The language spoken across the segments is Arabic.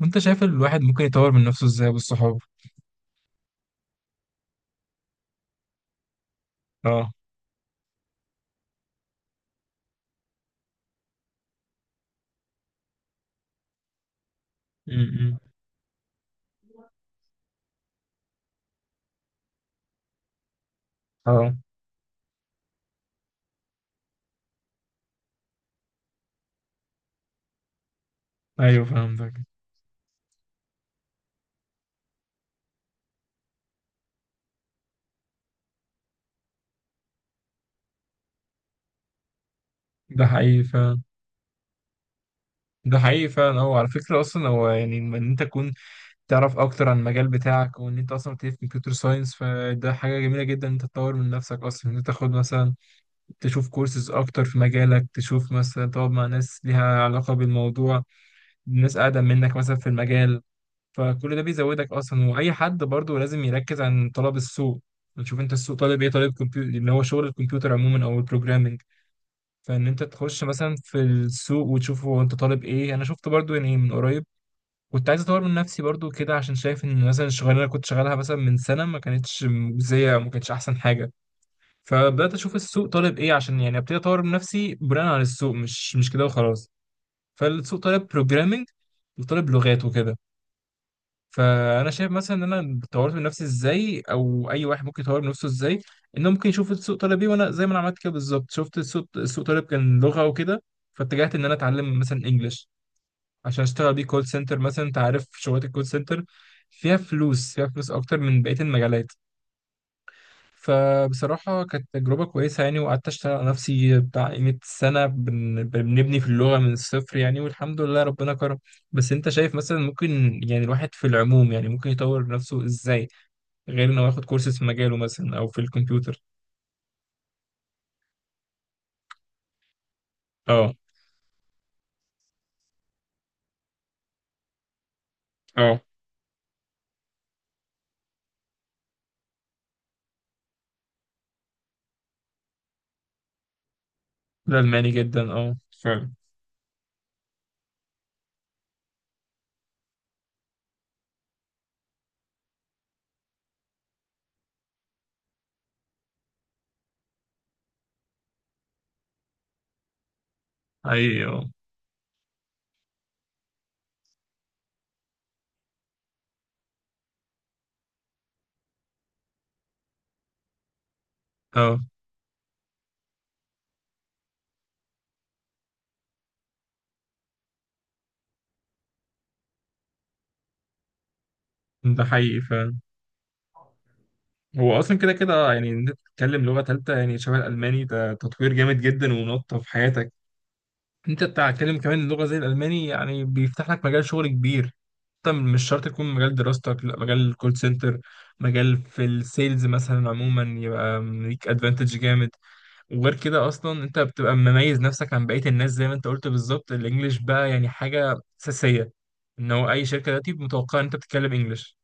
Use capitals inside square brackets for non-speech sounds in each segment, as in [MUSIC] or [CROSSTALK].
وانت شايف الواحد ممكن يطور من نفسه ازاي بالصحاب؟ اه. امم اه. ايوه، فهمتك. ده حقيقي فعلا. ده حقيقي فعلا. هو على فكرة أصلا هو يعني إن أنت تكون تعرف أكتر عن المجال بتاعك وإن أنت أصلا بتدرس كمبيوتر ساينس، فده حاجة جميلة جدا إن أنت تطور من نفسك أصلا، إن أنت تاخد مثلا تشوف كورسز أكتر في مجالك، تشوف مثلا تقعد مع ناس ليها علاقة بالموضوع، ناس أقدم منك مثلا في المجال. فكل ده بيزودك اصلا، واي حد برضو لازم يركز عن طلب السوق. تشوف انت السوق طالب ايه، طالب كمبيوتر اللي هو شغل الكمبيوتر عموما او البروجرامنج. فان انت تخش مثلا في السوق وتشوف هو انت طالب ايه. انا شفت برضو من قريب كنت عايز اطور من نفسي برضو كده، عشان شايف ان مثلا الشغلانه اللي كنت شغالها مثلا من سنه ما كانتش مجزيه، ما كانتش احسن حاجه. فبدات اشوف السوق طالب ايه، عشان ابتدي اطور من نفسي بناء على السوق، مش كده وخلاص. فالسوق طالب بروجرامنج وطالب لغات وكده. فانا شايف مثلا ان انا طورت من نفسي ازاي، او اي واحد ممكن يطور من نفسه ازاي، انه ممكن يشوف السوق طلب ايه. وانا زي ما انا عملت كده بالظبط، شفت السوق، طلب كان لغه وكده. فاتجهت ان انا اتعلم مثلا انجلش عشان اشتغل بيه كول سنتر مثلا. انت عارف شغلات الكول سنتر فيها فلوس، فيها فلوس اكتر من بقيه المجالات. فبصراحة كانت تجربة كويسة يعني. وقعدت أشتغل على نفسي بتاع قيمة سنة، بنبني في اللغة من الصفر يعني، والحمد لله ربنا كرم. بس أنت شايف مثلا ممكن الواحد في العموم ممكن يطور نفسه إزاي غير إنه ياخد كورسات في مجاله مثلا أو في الكمبيوتر؟ أه. أه. الألماني جدا، أه. فعلا. حقيقي، أه. أه. ده حقيقي فعلا. هو أصلا كده كده آه، يعني إن أنت تتكلم لغة تالتة يعني شبه الألماني، ده تطوير جامد جدا ونقطة في حياتك. انت بتتكلم كمان لغه زي الالماني يعني بيفتح لك مجال شغل كبير. طب مش شرط يكون مجال دراستك، لا مجال الكول سنتر، مجال في السيلز مثلا عموما، يبقى ليك ادفانتج جامد. وغير كده اصلا انت بتبقى مميز نفسك عن بقيه الناس. زي ما انت قلت بالظبط، الانجليش بقى حاجه اساسيه، ان هو اي شركه دلوقتي متوقعه ان انت بتتكلم انجليش.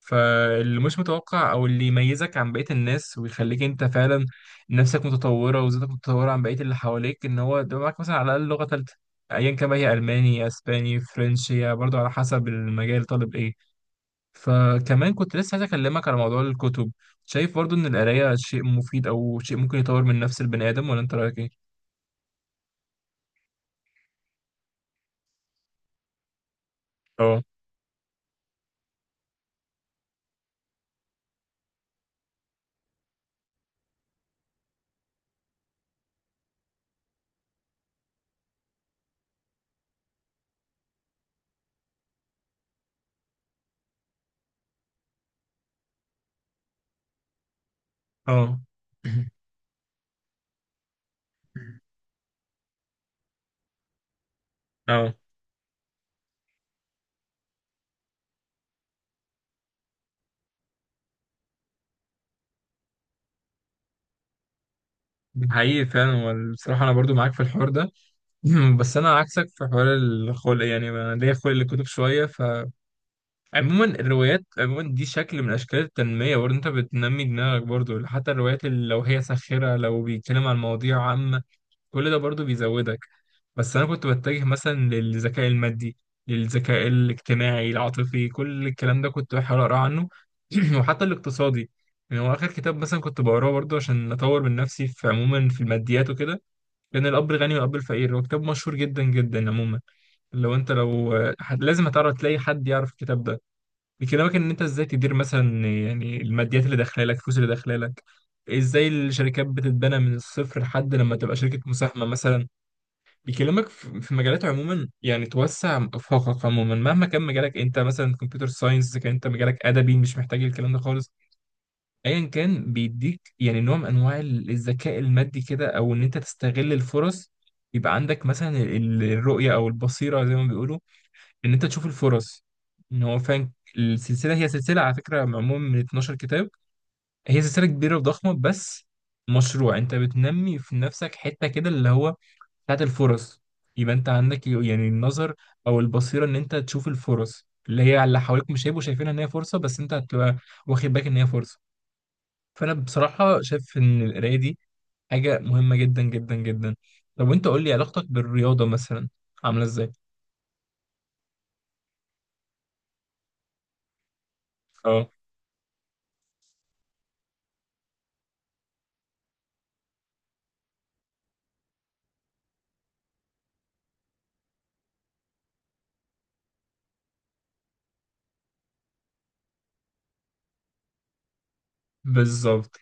فاللي مش متوقع او اللي يميزك عن بقية الناس ويخليك انت فعلا نفسك متطورة وذاتك متطورة عن بقية اللي حواليك، ان هو ده معاك مثلا على الاقل لغة ثالثة. ايا كان بقى، هي الماني، اسباني، فرنش، هي برضه على حسب المجال طالب ايه. فكمان كنت لسه عايز اكلمك على موضوع الكتب. شايف برضه ان القراية شيء مفيد او شيء ممكن يطور من نفس البني ادم، ولا انت رايك ايه؟ اه. اه. [LAUGHS] [CLEARS THROAT] اه. حقيقي فعلا، والصراحة أنا برضو معاك في الحوار ده. مم، بس انا عكسك في حوار الخلق، انا ليا خلق للكتب شويه. فعموما الروايات عموما دي شكل من اشكال التنميه برضه، انت بتنمي دماغك برضه. حتى الروايات اللي لو هي ساخره، لو بيتكلم عن مواضيع عامه، كل ده برضه بيزودك. بس انا كنت بتجه مثلا للذكاء المادي، للذكاء الاجتماعي العاطفي، كل الكلام ده كنت بحاول اقرا عنه. [CLEARS THROAT] وحتى الاقتصادي. يعني هو اخر كتاب مثلا كنت بقراه برضه عشان اطور من نفسي في عموما في الماديات وكده، كان الاب الغني والاب الفقير. هو كتاب مشهور جدا جدا عموما. لو انت لو لازم هتعرف تلاقي حد يعرف الكتاب ده. بيكلمك ان انت ازاي تدير مثلا الماديات اللي داخله لك، الفلوس اللي داخله لك، ازاي الشركات بتتبنى من الصفر لحد لما تبقى شركه مساهمه مثلا. بيكلمك في مجالات عموما، يعني توسع افاقك عموما مهما كان مجالك. انت مثلا كمبيوتر ساينس، كان انت مجالك ادبي مش محتاج الكلام ده خالص. ايا كان، بيديك يعني نوع من انواع الذكاء المادي كده، او ان انت تستغل الفرص، يبقى عندك مثلا الرؤية أو البصيرة زي ما بيقولوا، ان انت تشوف الفرص ان هو فعلا. السلسله هي سلسله على فكره معموله من 12 كتاب. هي سلسله كبيره وضخمه. بس مشروع انت بتنمي في نفسك حته كده اللي هو بتاعت الفرص. يبقى انت عندك النظر او البصيره ان انت تشوف الفرص اللي هي على اللي حواليك مش هيبقوا شايفينها ان هي فرصه، بس انت هتبقى واخد بالك ان هي فرصه. فانا بصراحه شايف ان القرايه دي حاجه مهمه جدا جدا جدا. طب وانت قول لي علاقتك بالرياضه مثلا عامله ازاي؟ اه. بالظبط.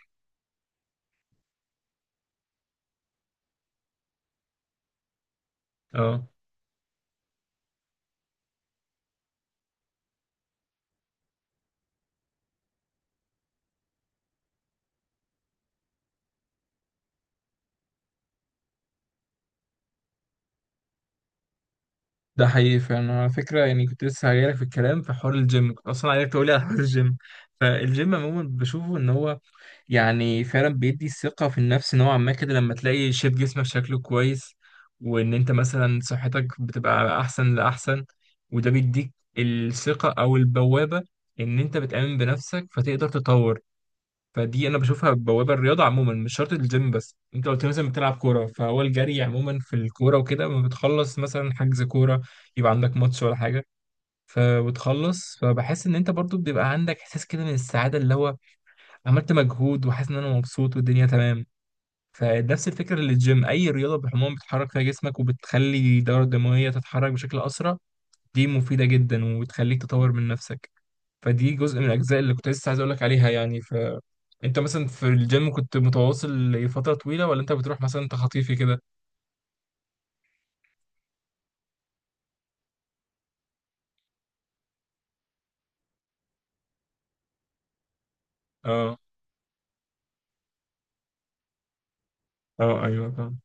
اه. ده حقيقي فعلا. على فكرة كنت لسه هجيلك في الكلام في حوار الجيم، كنت أصلا عايزك تقولي على حوار الجيم. فالجيم عموما بشوفه إن هو فعلا بيدي ثقة في النفس نوعا ما كده، لما تلاقي شيب جسمك شكله كويس، وإن أنت مثلا صحتك بتبقى أحسن لأحسن، وده بيديك الثقة أو البوابة إن أنت بتآمن بنفسك فتقدر تطور. فدي انا بشوفها بوابه، الرياضه عموما مش شرط الجيم. بس انت قلت مثلا بتلعب كوره، فهو الجري عموما في الكوره وكده، لما بتخلص مثلا حجز كوره يبقى عندك ماتش ولا حاجه، فبتخلص فبحس ان انت برضو بيبقى عندك احساس كده من السعاده، اللي هو عملت مجهود وحاسس ان انا مبسوط والدنيا تمام. فنفس الفكره للجيم، اي رياضه بالعموم بتحرك فيها جسمك وبتخلي الدوره الدمويه تتحرك بشكل اسرع، دي مفيده جدا وبتخليك تطور من نفسك. فدي جزء من الاجزاء اللي كنت لسه عايز اقول لك عليها يعني. انت مثلا في الجيم كنت متواصل لفترة طويلة، ولا انت بتروح مثلا تخطيفي كده؟ اه. اه. ايوه طبعا.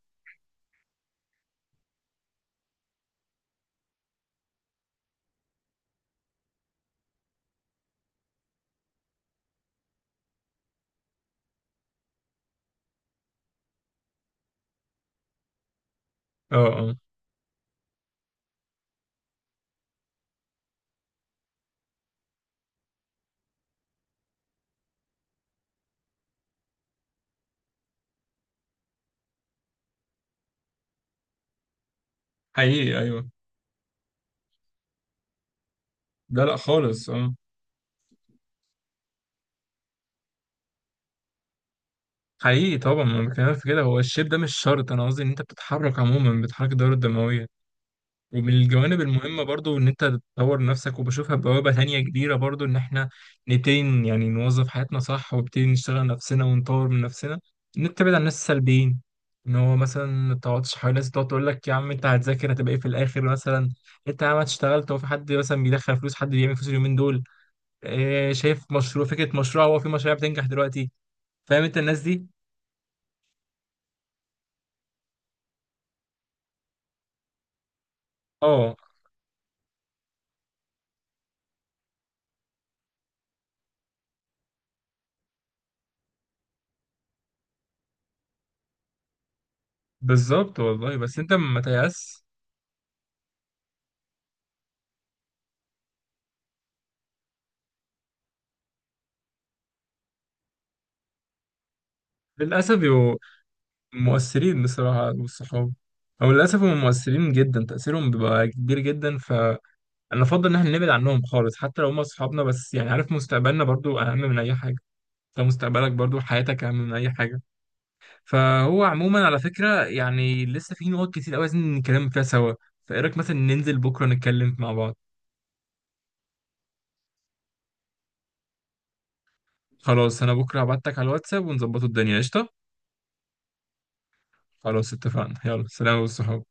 اه. اه. حقيقي ايوه. لا لا خالص، اه. حقيقي طبعا، ما بكلمك في كده. هو الشيب ده مش شرط، انا قصدي ان انت بتتحرك عموما، بتحرك الدورة الدموية. ومن الجوانب المهمة برضو إن أنت تطور نفسك، وبشوفها بوابة تانية كبيرة برضو إن إحنا نبتدي يعني نوظف حياتنا صح، ونبتدي نشتغل نفسنا ونطور من نفسنا. إن أنت تبعد عن الناس السلبيين، إن هو مثلا ما تقعدش حوالين ناس تقعد تقول لك يا عم أنت هتذاكر هتبقى إيه في الآخر مثلا، أنت يا عم اشتغلت، هو في حد مثلا بيدخل فلوس، حد بيعمل فلوس اليومين دول، إيه شايف مشروع، فكرة مشروع، هو في مشاريع بتنجح دلوقتي. فاهم أنت الناس دي؟ أه. بالظبط والله، بس أنت ما تيأس. للأسف مؤثرين بصراحة، والصحاب أو للأسف هم مؤثرين جدا، تأثيرهم بيبقى كبير جدا. فأنا أفضل إن إحنا نبعد عنهم خالص، حتى لو هم أصحابنا، بس عارف، مستقبلنا برضو أهم من أي حاجة، فمستقبلك برضو، حياتك أهم من أي حاجة. فهو عموما على فكرة لسه في نقط كتير أوي عايزين نتكلم فيها سوا. فإيه رأيك مثلا ننزل بكرة نتكلم مع بعض؟ خلاص، أنا بكرة هبعتك على الواتساب ونظبطوا الدنيا قشطة. خلاص اتفقنا، يلا سلام والصحاب.